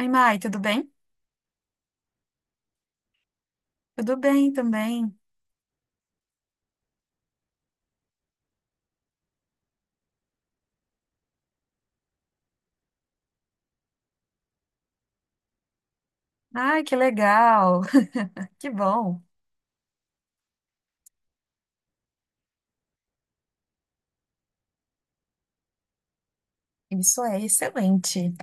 Oi, Mai, tudo bem? Tudo bem também. Ai, que legal. Que bom. Isso é excelente.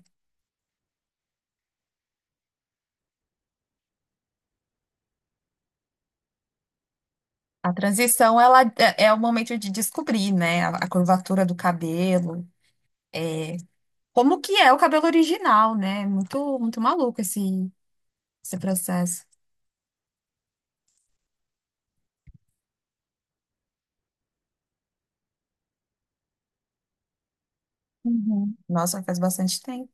A transição, ela é o momento de descobrir, né? A curvatura do cabelo, é, como que é o cabelo original, né? Muito, muito maluco esse, esse processo. Uhum. Nossa, faz bastante tempo.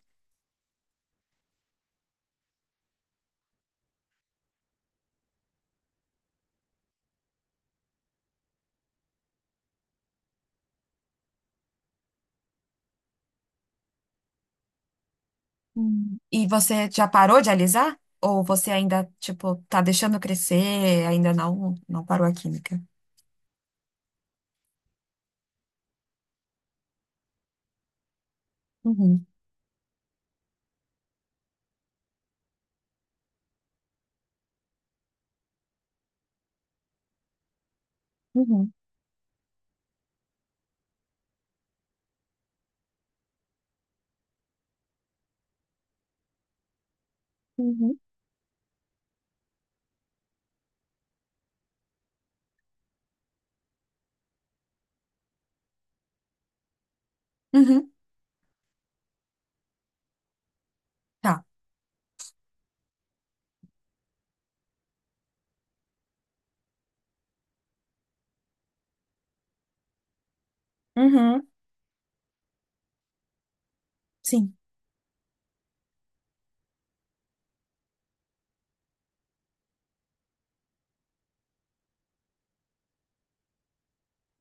Hum. E você já parou de alisar? Ou você ainda, tipo, tá deixando crescer, ainda não parou a química? Uhum. Uhum. Uhum. Uhum. Tá. Uhum, sim.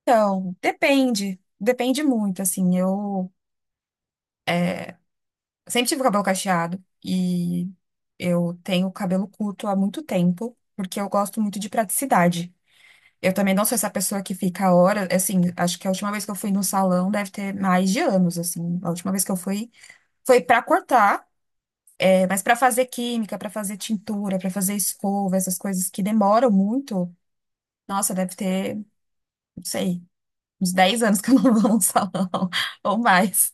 Então, depende. Depende muito, assim. Eu sempre tive o cabelo cacheado e eu tenho cabelo curto há muito tempo, porque eu gosto muito de praticidade. Eu também não sou essa pessoa que fica horas assim, acho que a última vez que eu fui no salão deve ter mais de anos, assim. A última vez que eu fui foi pra cortar, mas pra fazer química, pra fazer tintura, pra fazer escova, essas coisas que demoram muito. Nossa, deve ter, não sei, uns 10 anos que eu não vou no salão ou mais.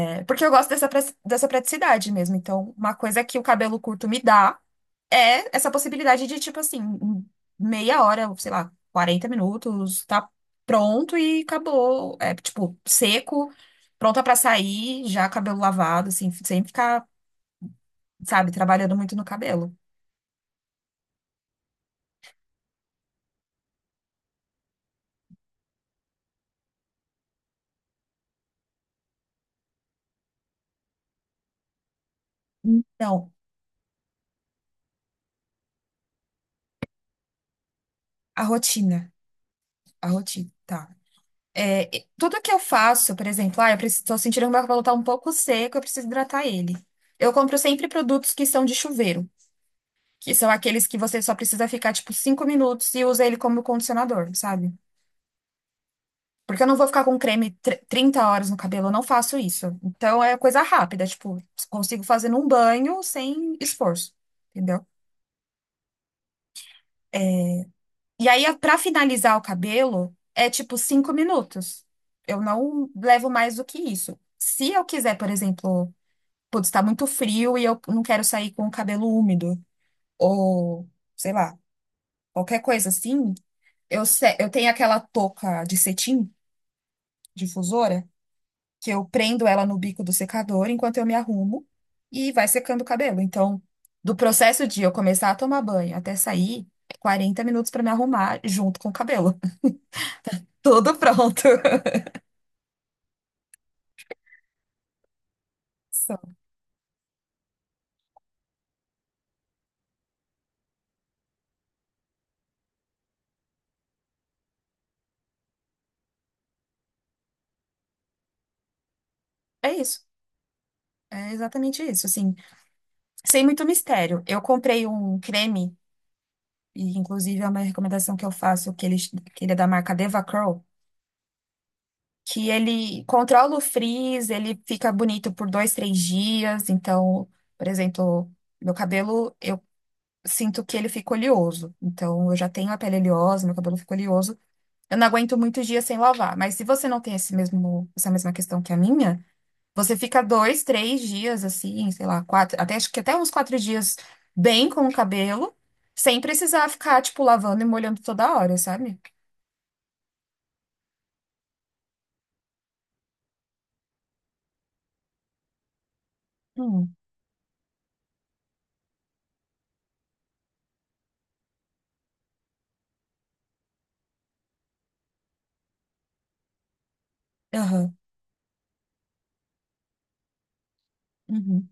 É. Porque eu gosto dessa, pra- dessa praticidade mesmo. Então, uma coisa que o cabelo curto me dá é essa possibilidade de, tipo assim, em meia hora, sei lá, 40 minutos, tá pronto e acabou. É, tipo, seco, pronta pra sair, já cabelo lavado, assim, sem ficar, sabe, trabalhando muito no cabelo. Então, a rotina. A rotina. Tá. Tudo que eu faço, por exemplo, ah, eu estou sentindo que meu cabelo está um pouco seco, eu preciso hidratar ele. Eu compro sempre produtos que são de chuveiro, que são aqueles que você só precisa ficar, tipo, cinco minutos e usa ele como condicionador, sabe? Porque eu não vou ficar com 30 horas no cabelo, eu não faço isso. Então é coisa rápida, tipo, consigo fazer num banho sem esforço, entendeu? É. E aí, pra finalizar o cabelo, é tipo cinco minutos. Eu não levo mais do que isso. Se eu quiser, por exemplo, putz, tá muito frio e eu não quero sair com o cabelo úmido, ou sei lá, qualquer coisa assim, eu, se- eu tenho aquela touca de cetim, difusora, que eu prendo ela no bico do secador enquanto eu me arrumo e vai secando o cabelo. Então, do processo de eu começar a tomar banho até sair, é 40 minutos pra me arrumar junto com o cabelo. Tudo pronto. Só. É isso. É exatamente isso, assim, sem muito mistério. Eu comprei um creme. E, inclusive, é uma recomendação que eu faço, que ele é da marca Deva Curl, que ele controla o frizz, ele fica bonito por dois, três dias. Então, por exemplo, meu cabelo, eu sinto que ele fica oleoso. Então, eu já tenho a pele oleosa, meu cabelo fica oleoso. Eu não aguento muitos dias sem lavar. Mas se você não tem esse mesmo, essa mesma questão que a minha, você fica dois, três dias, assim, sei lá, quatro, até, acho que até uns quatro dias bem com o cabelo. Sem precisar ficar, tipo, lavando e molhando toda hora, sabe? Hum, aham, uhum,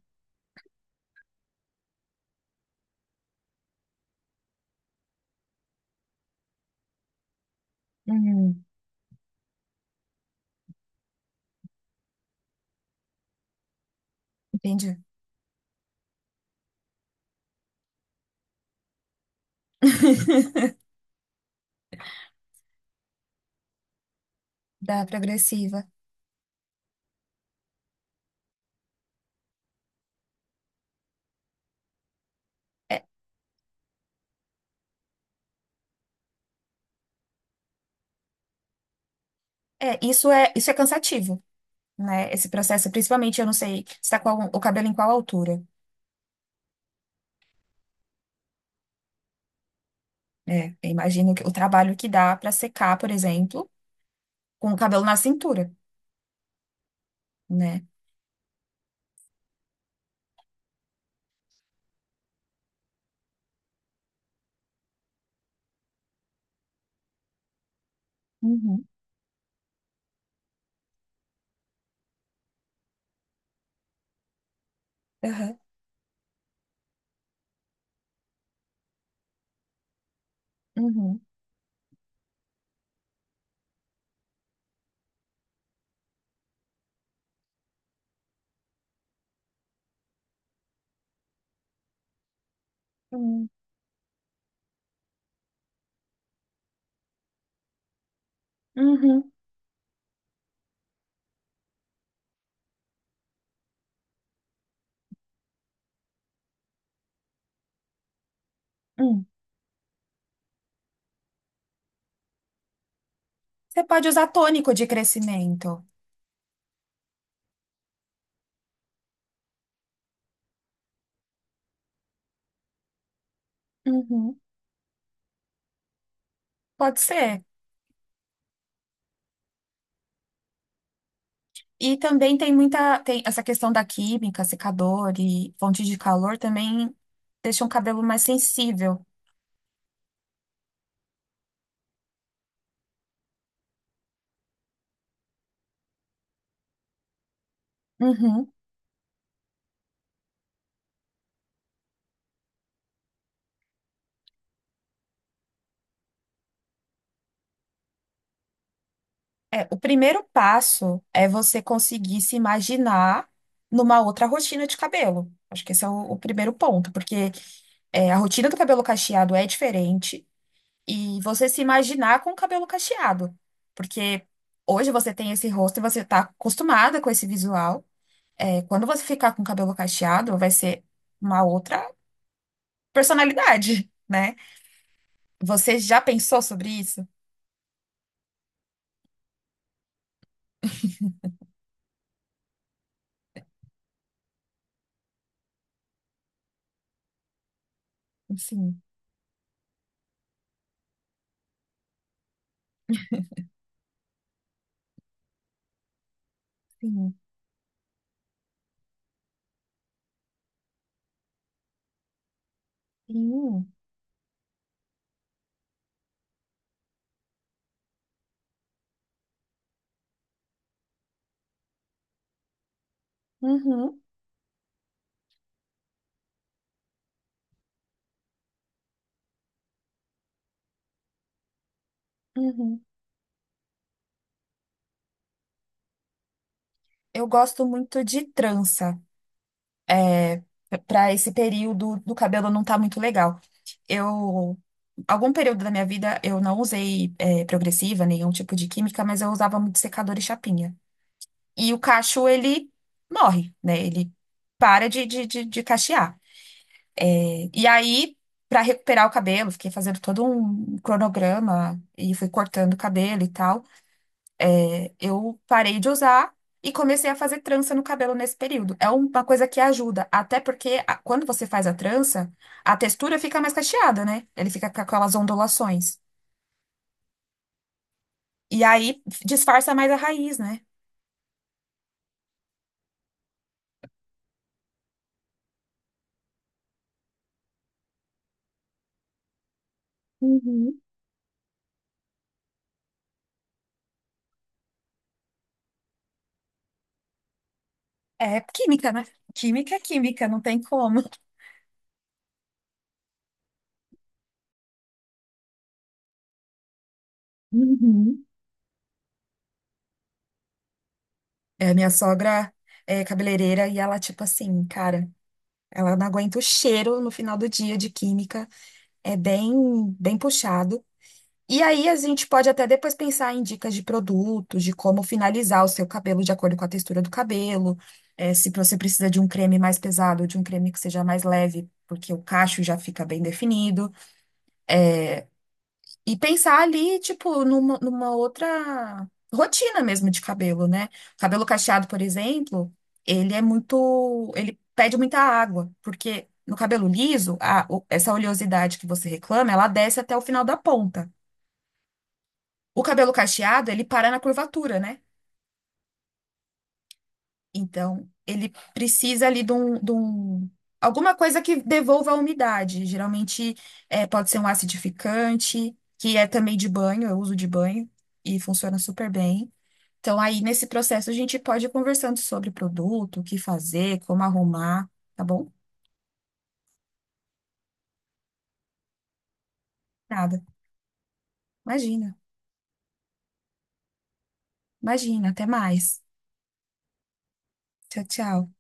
uhum, entendi. Da progressiva. É, isso é cansativo, né? Esse processo, principalmente, eu não sei, se está com o cabelo em qual altura. Né? Eu imagino que o trabalho que dá para secar, por exemplo, com o cabelo na cintura, né? Uhum, aham, uhum, uhum, uhum, uhum. Você pode usar tônico de crescimento. Uhum, pode ser. E também tem essa questão da química, secador e fonte de calor também deixam o cabelo mais sensível. Uhum. É, o primeiro passo é você conseguir se imaginar numa outra rotina de cabelo. Acho que esse é o primeiro ponto, porque é, a rotina do cabelo cacheado é diferente e você se imaginar com o cabelo cacheado, porque hoje você tem esse rosto e você está acostumada com esse visual. É, quando você ficar com o cabelo cacheado, vai ser uma outra personalidade, né? Você já pensou sobre isso? Sim, sim, sim. Uhum, uhum. Eu gosto muito de trança para esse período do cabelo não tá muito legal. Eu algum período da minha vida eu não usei progressiva, nenhum tipo de química, mas eu usava muito secador e chapinha. E o cacho ele morre, né? Ele para de cachear. E aí, para recuperar o cabelo, fiquei fazendo todo um cronograma e fui cortando o cabelo e tal. É, eu parei de usar e comecei a fazer trança no cabelo nesse período. É uma coisa que ajuda, até porque quando você faz a trança, a textura fica mais cacheada, né? Ele fica com aquelas ondulações. E aí disfarça mais a raiz, né? Uhum. É química, né? Química é química, não tem como. Uhum. É, minha sogra é cabeleireira e ela, tipo assim, cara. Ela não aguenta o cheiro no final do dia de química, é bem, bem puxado. E aí a gente pode até depois pensar em dicas de produtos, de como finalizar o seu cabelo de acordo com a textura do cabelo, se você precisa de um creme mais pesado ou de um creme que seja mais leve, porque o cacho já fica bem definido. E pensar ali, tipo, numa outra rotina mesmo de cabelo, né? Cabelo cacheado, por exemplo, ele pede muita água, porque no cabelo liso, essa oleosidade que você reclama, ela desce até o final da ponta. O cabelo cacheado, ele para na curvatura, né? Então, ele precisa ali alguma coisa que devolva a umidade. Geralmente, é, pode ser um acidificante, que é também de banho, eu uso de banho e funciona super bem. Então, aí nesse processo a gente pode ir conversando sobre o produto, o que fazer, como arrumar, tá bom? Nada. Imagina, imagina. Até mais. Tchau, tchau.